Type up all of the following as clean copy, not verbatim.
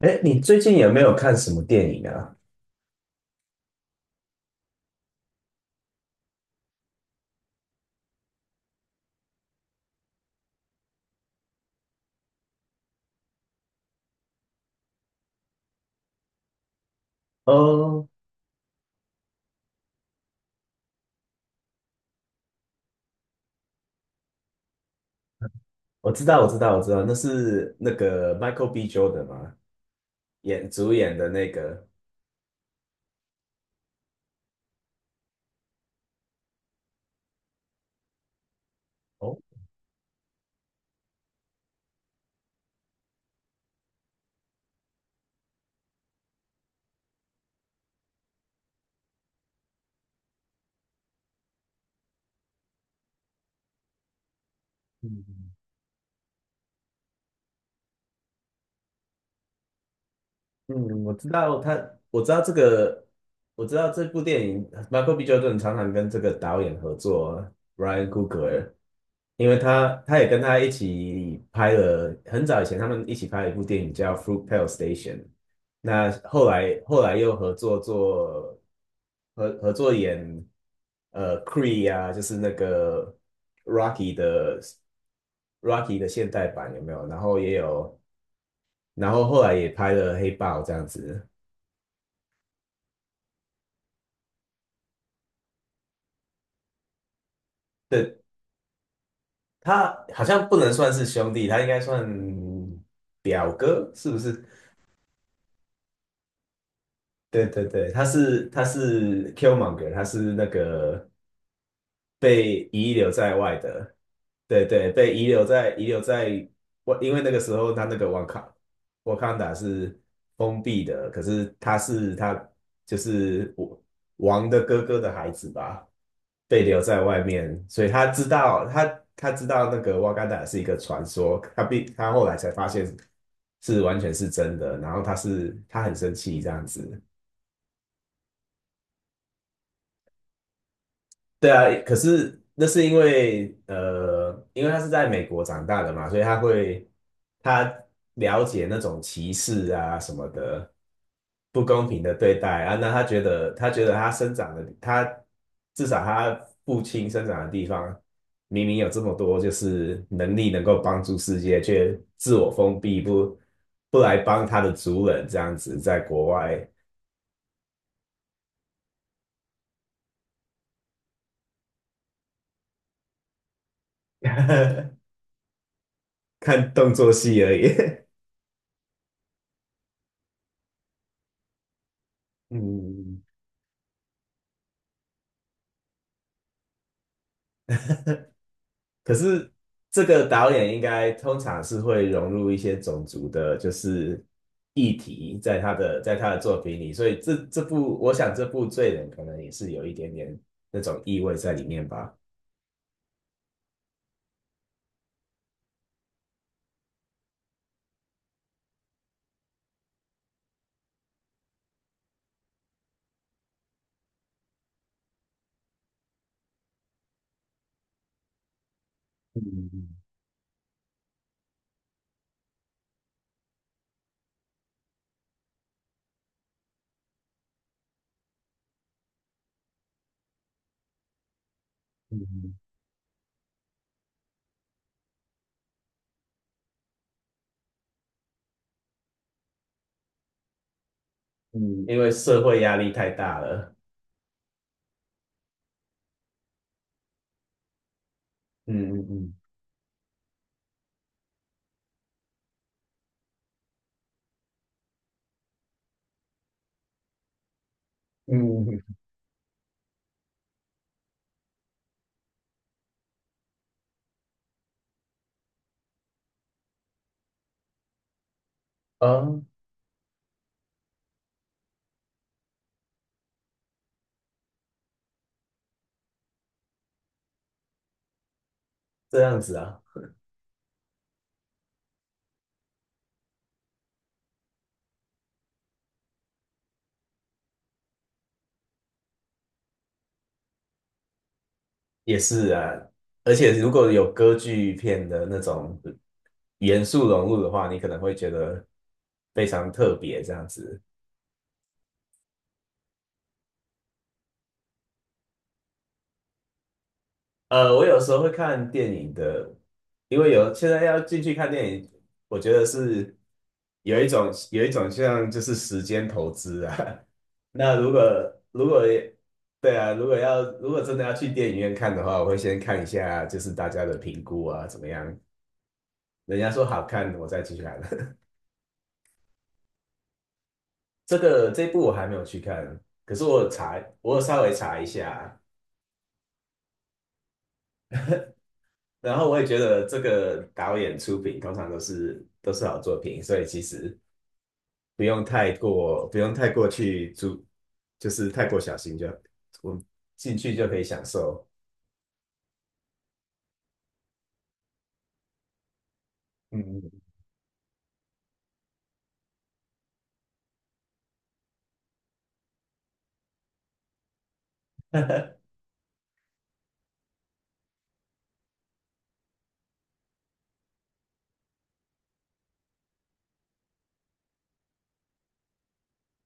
哎，你最近有没有看什么电影啊？哦，我知道，那是那个 Michael B. Jordan 吗？演主演的那个。哦，嗯嗯，我知道他，我知道这个，我知道这部电影，Michael B. j o r n 常常跟这个导演合作，Ryan Coogler，因为他也跟他一起拍了，很早以前他们一起拍了一部电影叫《Fruitvale Station》。那后来又合作做合作演Cree 啊，就是那个 Rocky 的 Rocky 的现代版有没有？然后也有，然后后来也拍了《黑豹》这样子。对，他好像不能算是兄弟，他应该算表哥，是不是？对对对，他是他是 Killmonger,他是那个被遗留在外的。对对，被遗留在遗留在外，因为那个时候他那个瓦坎达是封闭的，可是他就是我王的哥哥的孩子吧？被留在外面，所以他知道他知道那个瓦干达是一个传说，他后来才发现是完全是真的，然后他很生气这样子。对啊，可是那是因为他是在美国长大的嘛，所以他会他了解那种歧视啊什么的不公平的对待啊，那他觉得他生长的他至少他父亲生长的地方明明有这么多就是能力能够帮助世界，却自我封闭不不来帮他的族人这样子，在国外 看动作戏而已。嗯，可是这个导演应该通常是会融入一些种族的，就是议题在他的作品里，所以这部我想这部《罪人》可能也是有一点点那种意味在里面吧。嗯嗯嗯嗯，因为社会压力太大了。嗯嗯嗯嗯，哦，这样子啊。也是啊，而且如果有歌剧片的那种元素融入的话，你可能会觉得非常特别这样子。我有时候会看电影的，因为有现在要进去看电影，我觉得是有一种像就是时间投资啊。那如果如果对啊，如果要如果真的要去电影院看的话，我会先看一下就是大家的评估啊，怎么样？人家说好看，我再去看。这个这一部我还没有去看，可是我查，我有稍微查一下，然后我也觉得这个导演出品通常都是好作品，所以其实不用太过去注，就是太过小心就，我进去就可以享受。嗯，嗯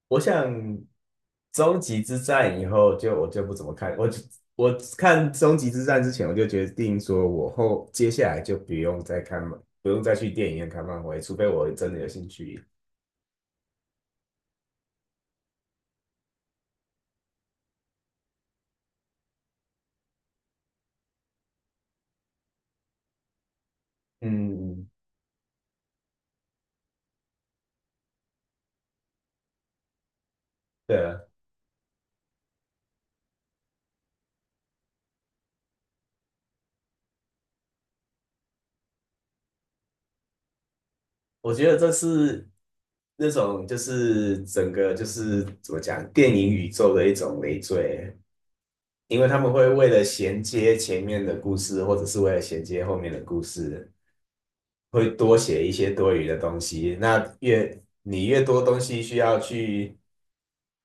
我想终极之战以后就我就不怎么看，我我看终极之战之前我就决定说我后接下来就不用再看漫，不用再去电影院看漫威，除非我真的有兴趣。嗯，对啊，我觉得这是那种就是整个就是怎么讲，电影宇宙的一种累赘，因为他们会为了衔接前面的故事，或者是为了衔接后面的故事，会多写一些多余的东西。那越你越多东西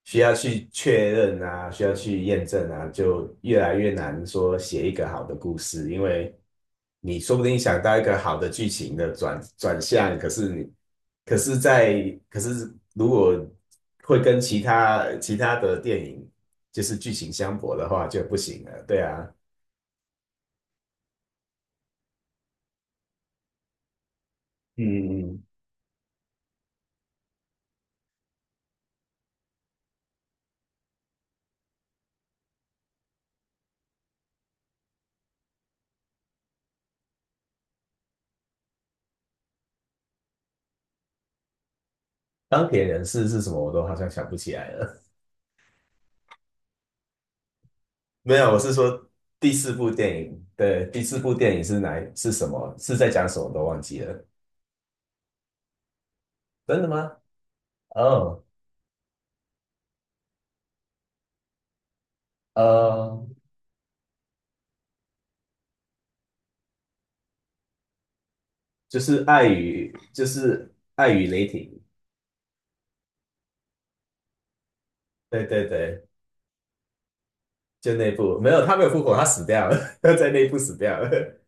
需要去确认啊，需要去验证啊，就越来越难说写一个好的故事，因为你说不定想到一个好的剧情的转向，可是你可是在可是如果会跟其他的电影就是剧情相悖的话就不行了，对啊。嗯嗯，钢铁人是什么，我都好像想不起来了。没有，我是说第四部电影。对，第四部电影是哪一是什么？是在讲什么？都忘记了。真的吗？哦，呃，就是爱与雷霆。对对对，就那部没有，他没有复活，他死掉了，他在那部死掉了。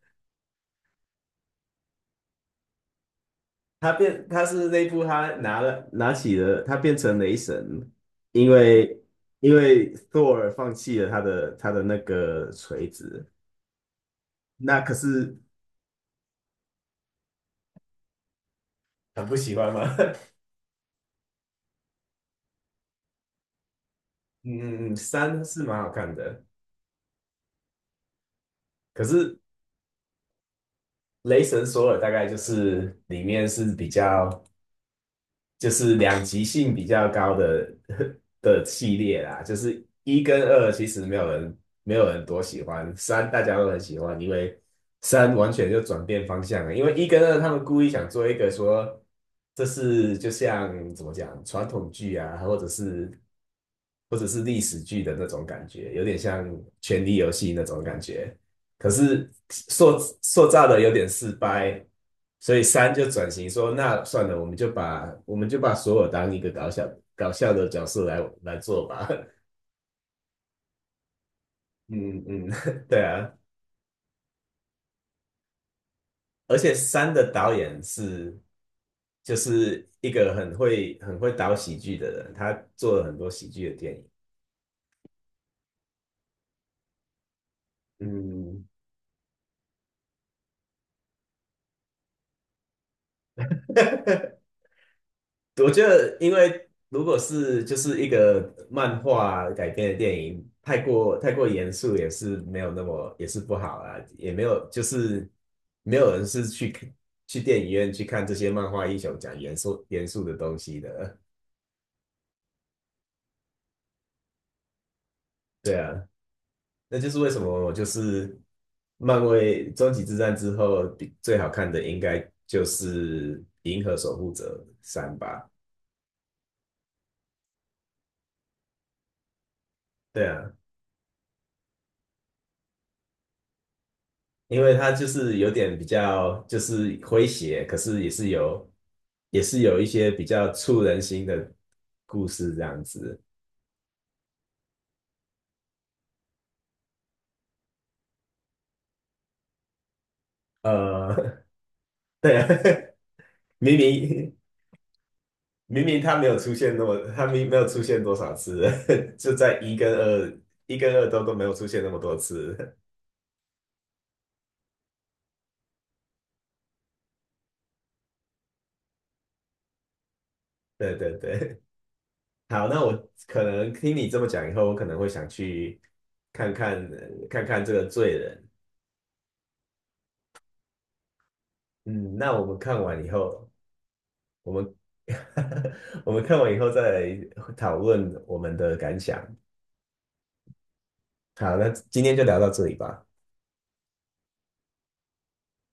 他是那部他拿起了他变成雷神，因为因为 Thor 放弃了他的那个锤子。那可是很不喜欢吗？嗯，三是蛮好看的，可是雷神索尔大概就是里面是比较就是两极性比较高的 的系列啦，就是一跟二其实没有人没有人多喜欢，三大家都很喜欢，因为三完全就转变方向了，因为一跟二他们故意想做一个说这是就像怎么讲传统剧啊，或者是历史剧的那种感觉，有点像《权力游戏》那种感觉。可是塑造的有点失败，所以三就转型说，那算了，我们就把索尔当一个搞笑的角色来做吧。嗯嗯，对啊，而且三的导演是就是一个很会导喜剧的人，他做了很多喜剧的电影。嗯，我觉得，因为如果是就是一个漫画改编的电影，太过严肃也是没有那么也是不好啊，也没有就是没有人是去去电影院去看这些漫画英雄讲严肃的东西的。对啊，那就是为什么我就是漫威终极之战之后比最好看的应该就是《银河守护者三》吧。对啊，因为它就是有点比较就是诙谐，可是也是有一些比较触人心的故事这样子。呃，对啊，明明明明他没有出现那么，他明没有出现多少次，就在一跟二一跟二都都没有出现那么多次。对对对，好，那我可能听你这么讲以后，我可能会想去看看看看这个罪人。嗯，那我们看完以后。我们 我们看完以后再来讨论我们的感想。好，那今天就聊到这里吧。